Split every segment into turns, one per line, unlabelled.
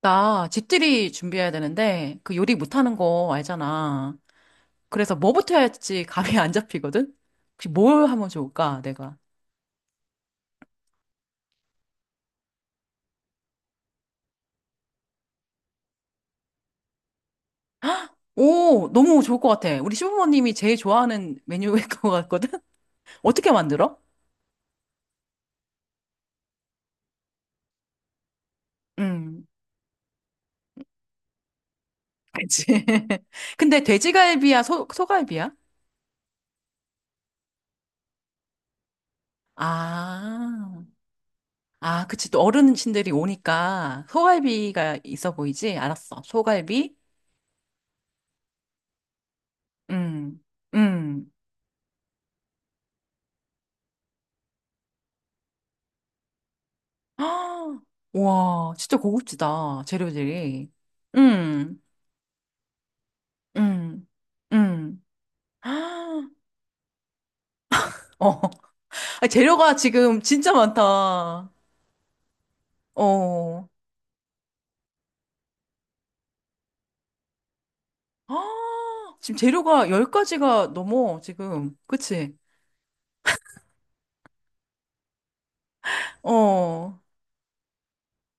나 집들이 준비해야 되는데 그 요리 못하는 거 알잖아. 그래서 뭐부터 해야 할지 감이 안 잡히거든? 혹시 뭘 하면 좋을까, 내가? 오, 너무 좋을 것 같아. 우리 시부모님이 제일 좋아하는 메뉴일 것 같거든? 어떻게 만들어? 음, 그치. 근데 돼지갈비야, 소, 소갈비야? 아, 아, 그치. 또 어르신들이 오니까 소갈비가 있어 보이지? 알았어. 소갈비. 음, 음. 아, 와, 진짜 고급지다. 재료들이. 음, 음, 음. 아, 어, 아, 재료가 지금 진짜 많다. 어. 아, 지금 재료가 열 가지가 넘어, 지금. 그치? 어.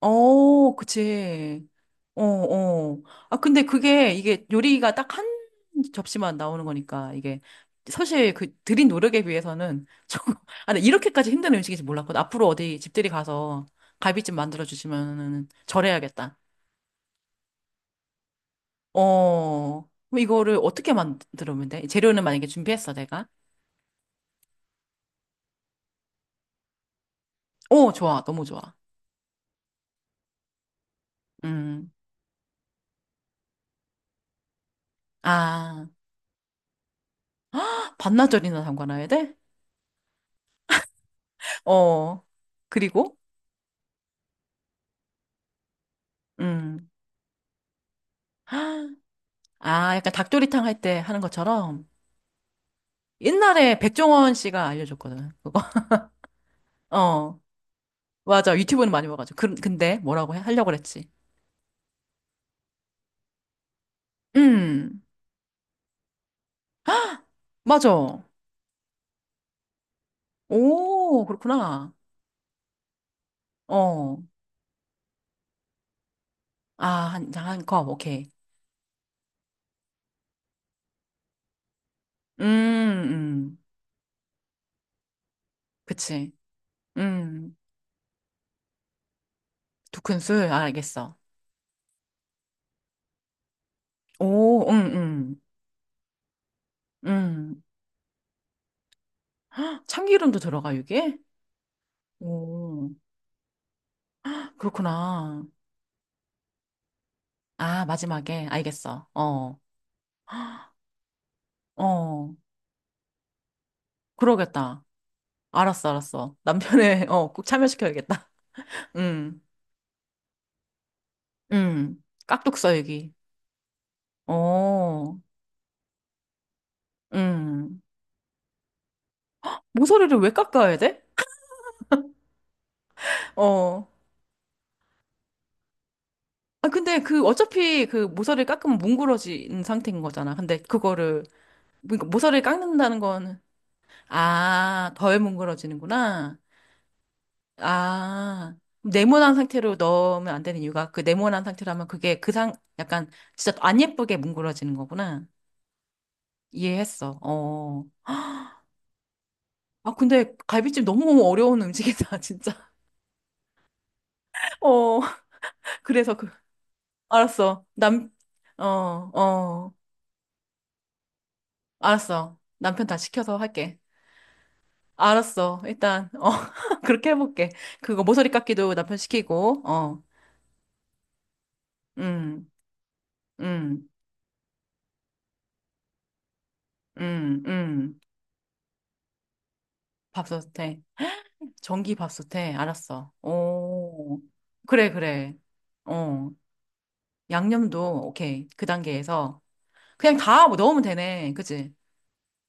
어, 그치. 어, 어. 아, 근데 그게, 이게 요리가 딱 한 접시만 나오는 거니까, 이게, 사실 그 들인 노력에 비해서는 조금, 아, 근 이렇게까지 힘든 음식인지 몰랐거든. 앞으로 어디 집들이 가서 갈비찜 만들어주시면은 절해야겠다. 어, 그럼 이거를 어떻게 만들면 돼? 재료는 만약에 준비했어, 내가? 어, 좋아. 너무 좋아. 음. 아, 반나절이나 담가놔야 돼? 어. 그리고? 음. 아, 약간 닭도리탕 할 때 하는 것처럼 옛날에 백종원 씨가 알려줬거든. 그거. 어, 맞아. 유튜브는 많이 봐가지고. 근데 뭐라고 해? 하려고 그랬지. 음, 맞아. 오, 그렇구나. 어, 아, 한 컵, 오케이. 음, 음, 그치. 음, 두 큰술, 아, 알겠어. 오, 음, 음. 참기름도 들어가, 이게? 오, 그렇구나. 아, 마지막에, 알겠어. 어, 어, 그러겠다. 알았어, 알았어. 남편의, 어, 꼭 참여시켜야겠다. 음, 깍둑썰기. 어, 음. 모서리를 왜 깎아야 돼? 어. 아, 근데 그, 어차피 그 모서리를 깎으면 뭉그러진 상태인 거잖아. 근데 그거를, 그러니까 모서리를 깎는다는 건, 아, 덜 뭉그러지는구나. 아. 네모난 상태로 넣으면 안 되는 이유가 그 네모난 상태라면 그게 약간 진짜 안 예쁘게 뭉그러지는 거구나. 이해했어. 어. 아, 근데 갈비찜 너무 어려운 음식이다, 진짜. 어, 그래서 알았어. 어, 어, 알았어. 남편 다 시켜서 할게. 알았어. 일단, 어, 그렇게 해볼게. 그거 모서리 깎기도 남편 시키고, 어, 음, 음, 음, 음. 밥솥에. 전기 밥솥에. 알았어. 오, 그래, 그래. 어, 양념도, 오케이. 그 단계에서. 그냥 다 넣으면 되네. 그치?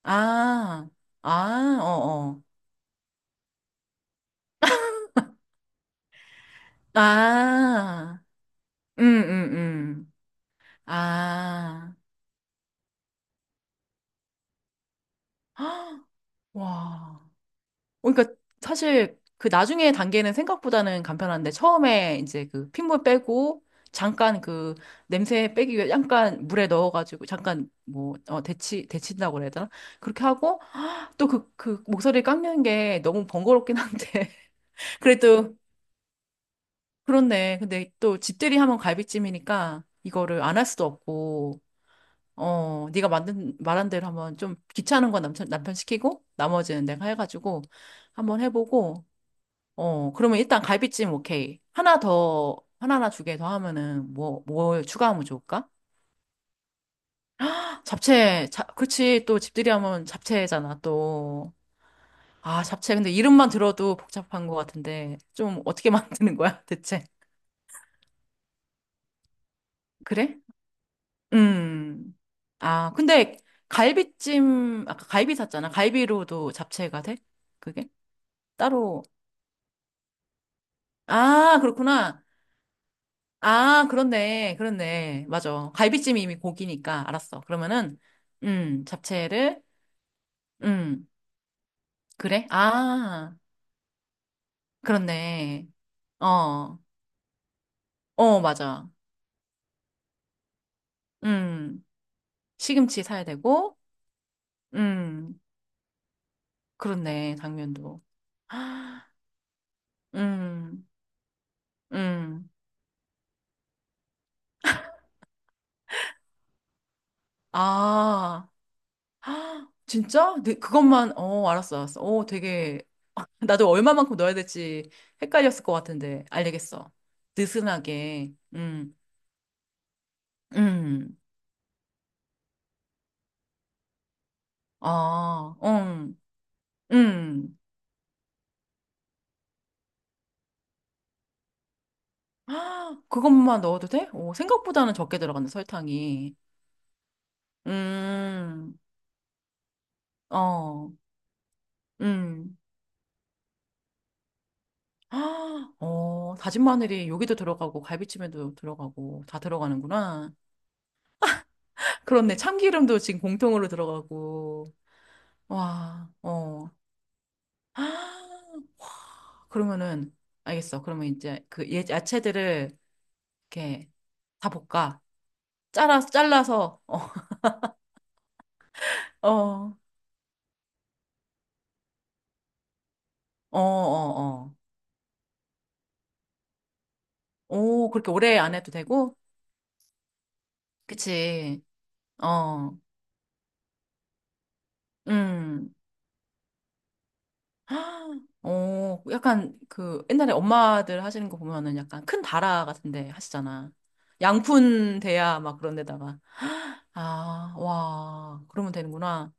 아, 아, 어어. 아, 음, 음, 음. 아, 헉, 와. 어, 그러니까 사실 그 나중에 단계는 생각보다는 간편한데 처음에 이제 그 핏물 빼고 잠깐 그 냄새 빼기 위해 잠깐 물에 넣어가지고 잠깐 뭐, 어, 데친다고 그래야 되나? 그렇게 하고 또 그 목소리 깎는 게 너무 번거롭긴 한데 그래도 그렇네. 근데 또 집들이 하면 갈비찜이니까 이거를 안 할 수도 없고, 어, 네가 만든 말한 대로 한번 좀 귀찮은 건 남편 시키고 나머지는 내가 해가지고 한번 해보고, 어, 그러면 일단 갈비찜 오케이. 하나 더 하나나 두 개 더 하면은 뭘 추가하면 좋을까? 잡채, 그치. 또 집들이 하면 잡채잖아. 또. 아, 잡채. 근데 이름만 들어도 복잡한 것 같은데 좀 어떻게 만드는 거야, 대체? 그래? 음. 아, 근데 갈비찜, 아까 갈비 샀잖아. 갈비로도 잡채가 돼? 그게? 따로. 아, 그렇구나. 아, 그렇네. 그렇네. 맞아. 갈비찜이 이미 고기니까. 알았어. 그러면은, 잡채를, 음, 그래? 아, 그렇네. 어, 어, 맞아. 음, 시금치 사야 되고, 음, 그렇네. 당면도. 헉, 음, 음. 아, 아, 진짜? 네, 그것만, 어, 알았어, 알았어. 어, 되게, 나도 얼마만큼 넣어야 될지 헷갈렸을 것 같은데, 알겠어. 느슨하게, 음, 아, 음. 아, 그것만 넣어도 돼? 오, 생각보다는 적게 들어가는 설탕이. 음, 어, 음. 아, 어, 다진 마늘이 여기도 들어가고, 갈비찜에도 들어가고, 다 들어가는구나. 그렇네. 참기름도 지금 공통으로 들어가고. 와, 어. 그러면은, 알겠어. 그러면 이제 그 야채들을 이렇게 다 볶아. 잘라서, 어, 어, 어, 어, 어. 오, 그렇게 오래 안 해도 되고? 그치. 어, 음. 오, 약간 그 옛날에 엄마들 하시는 거 보면은 약간 큰 다라 같은 데 하시잖아. 양푼 대야 막 그런 데다가. 아, 와, 그러면 되는구나.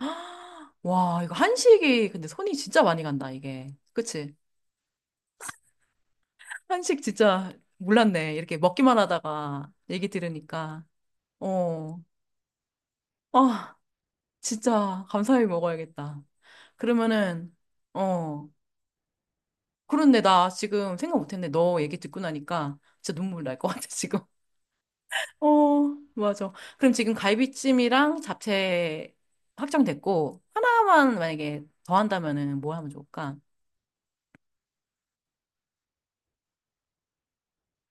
와, 이거 한식이 근데 손이 진짜 많이 간다, 이게. 그치? 한식 진짜 몰랐네. 이렇게 먹기만 하다가 얘기 들으니까. 어, 아, 진짜 감사히 먹어야겠다. 그러면은, 어, 그런데 나 지금 생각 못했는데 너 얘기 듣고 나니까 진짜 눈물 날 것 같아, 지금. 어, 맞아. 그럼 지금 갈비찜이랑 잡채 확정됐고, 하나만 만약에 더 한다면은 뭐 하면 좋을까?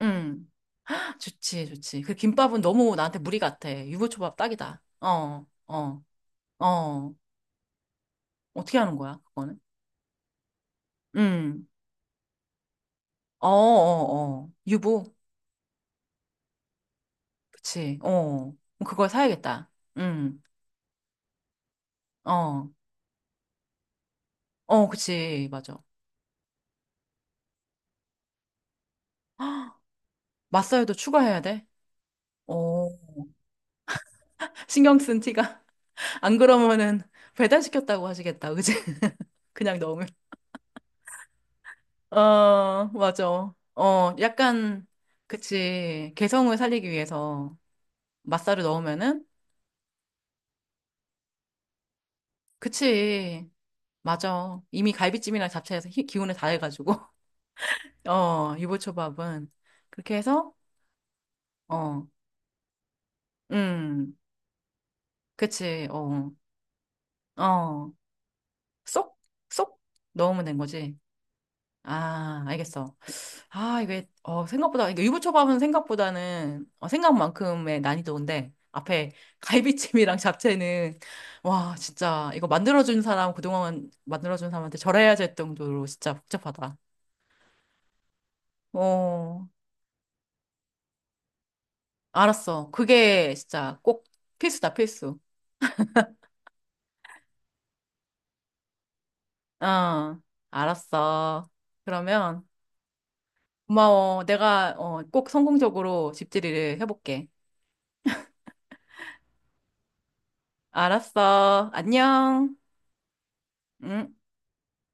응. 좋지, 좋지. 그 김밥은 너무 나한테 무리 같아. 유부초밥 딱이다. 어, 어, 어. 어떻게 하는 거야, 그거는? 음, 어, 어, 어. 유부? 그치, 어. 그럼 그걸 사야겠다. 음, 어, 어, 그치, 맞아. 맛살도 추가해야 돼? 어, 신경 쓴 티가. 안 그러면은 배달시켰다고 하시겠다, 그치? 그냥 넣으면. 어, 맞아. 어, 약간, 그치. 개성을 살리기 위해서 맛살을 넣으면은, 그치. 맞아. 이미 갈비찜이랑 잡채에서 기운을 다 해가지고. 어, 유부초밥은. 그렇게 해서, 어, 음, 그치, 어, 어, 쏙, 쏙 넣으면 된 거지. 아, 알겠어. 아, 이게, 어, 생각보다, 이게 유부초밥은 생각보다는, 어, 생각만큼의 난이도인데, 앞에 갈비찜이랑 잡채는, 와, 진짜, 이거 만들어준 사람, 그동안 만들어준 사람한테 절해야 될 정도로 진짜 복잡하다. 어, 알았어. 그게 진짜 꼭 필수다, 필수. 어, 알았어. 그러면 고마워. 내가 어, 꼭 성공적으로 집들이를 해볼게. 알았어. 안녕. 응.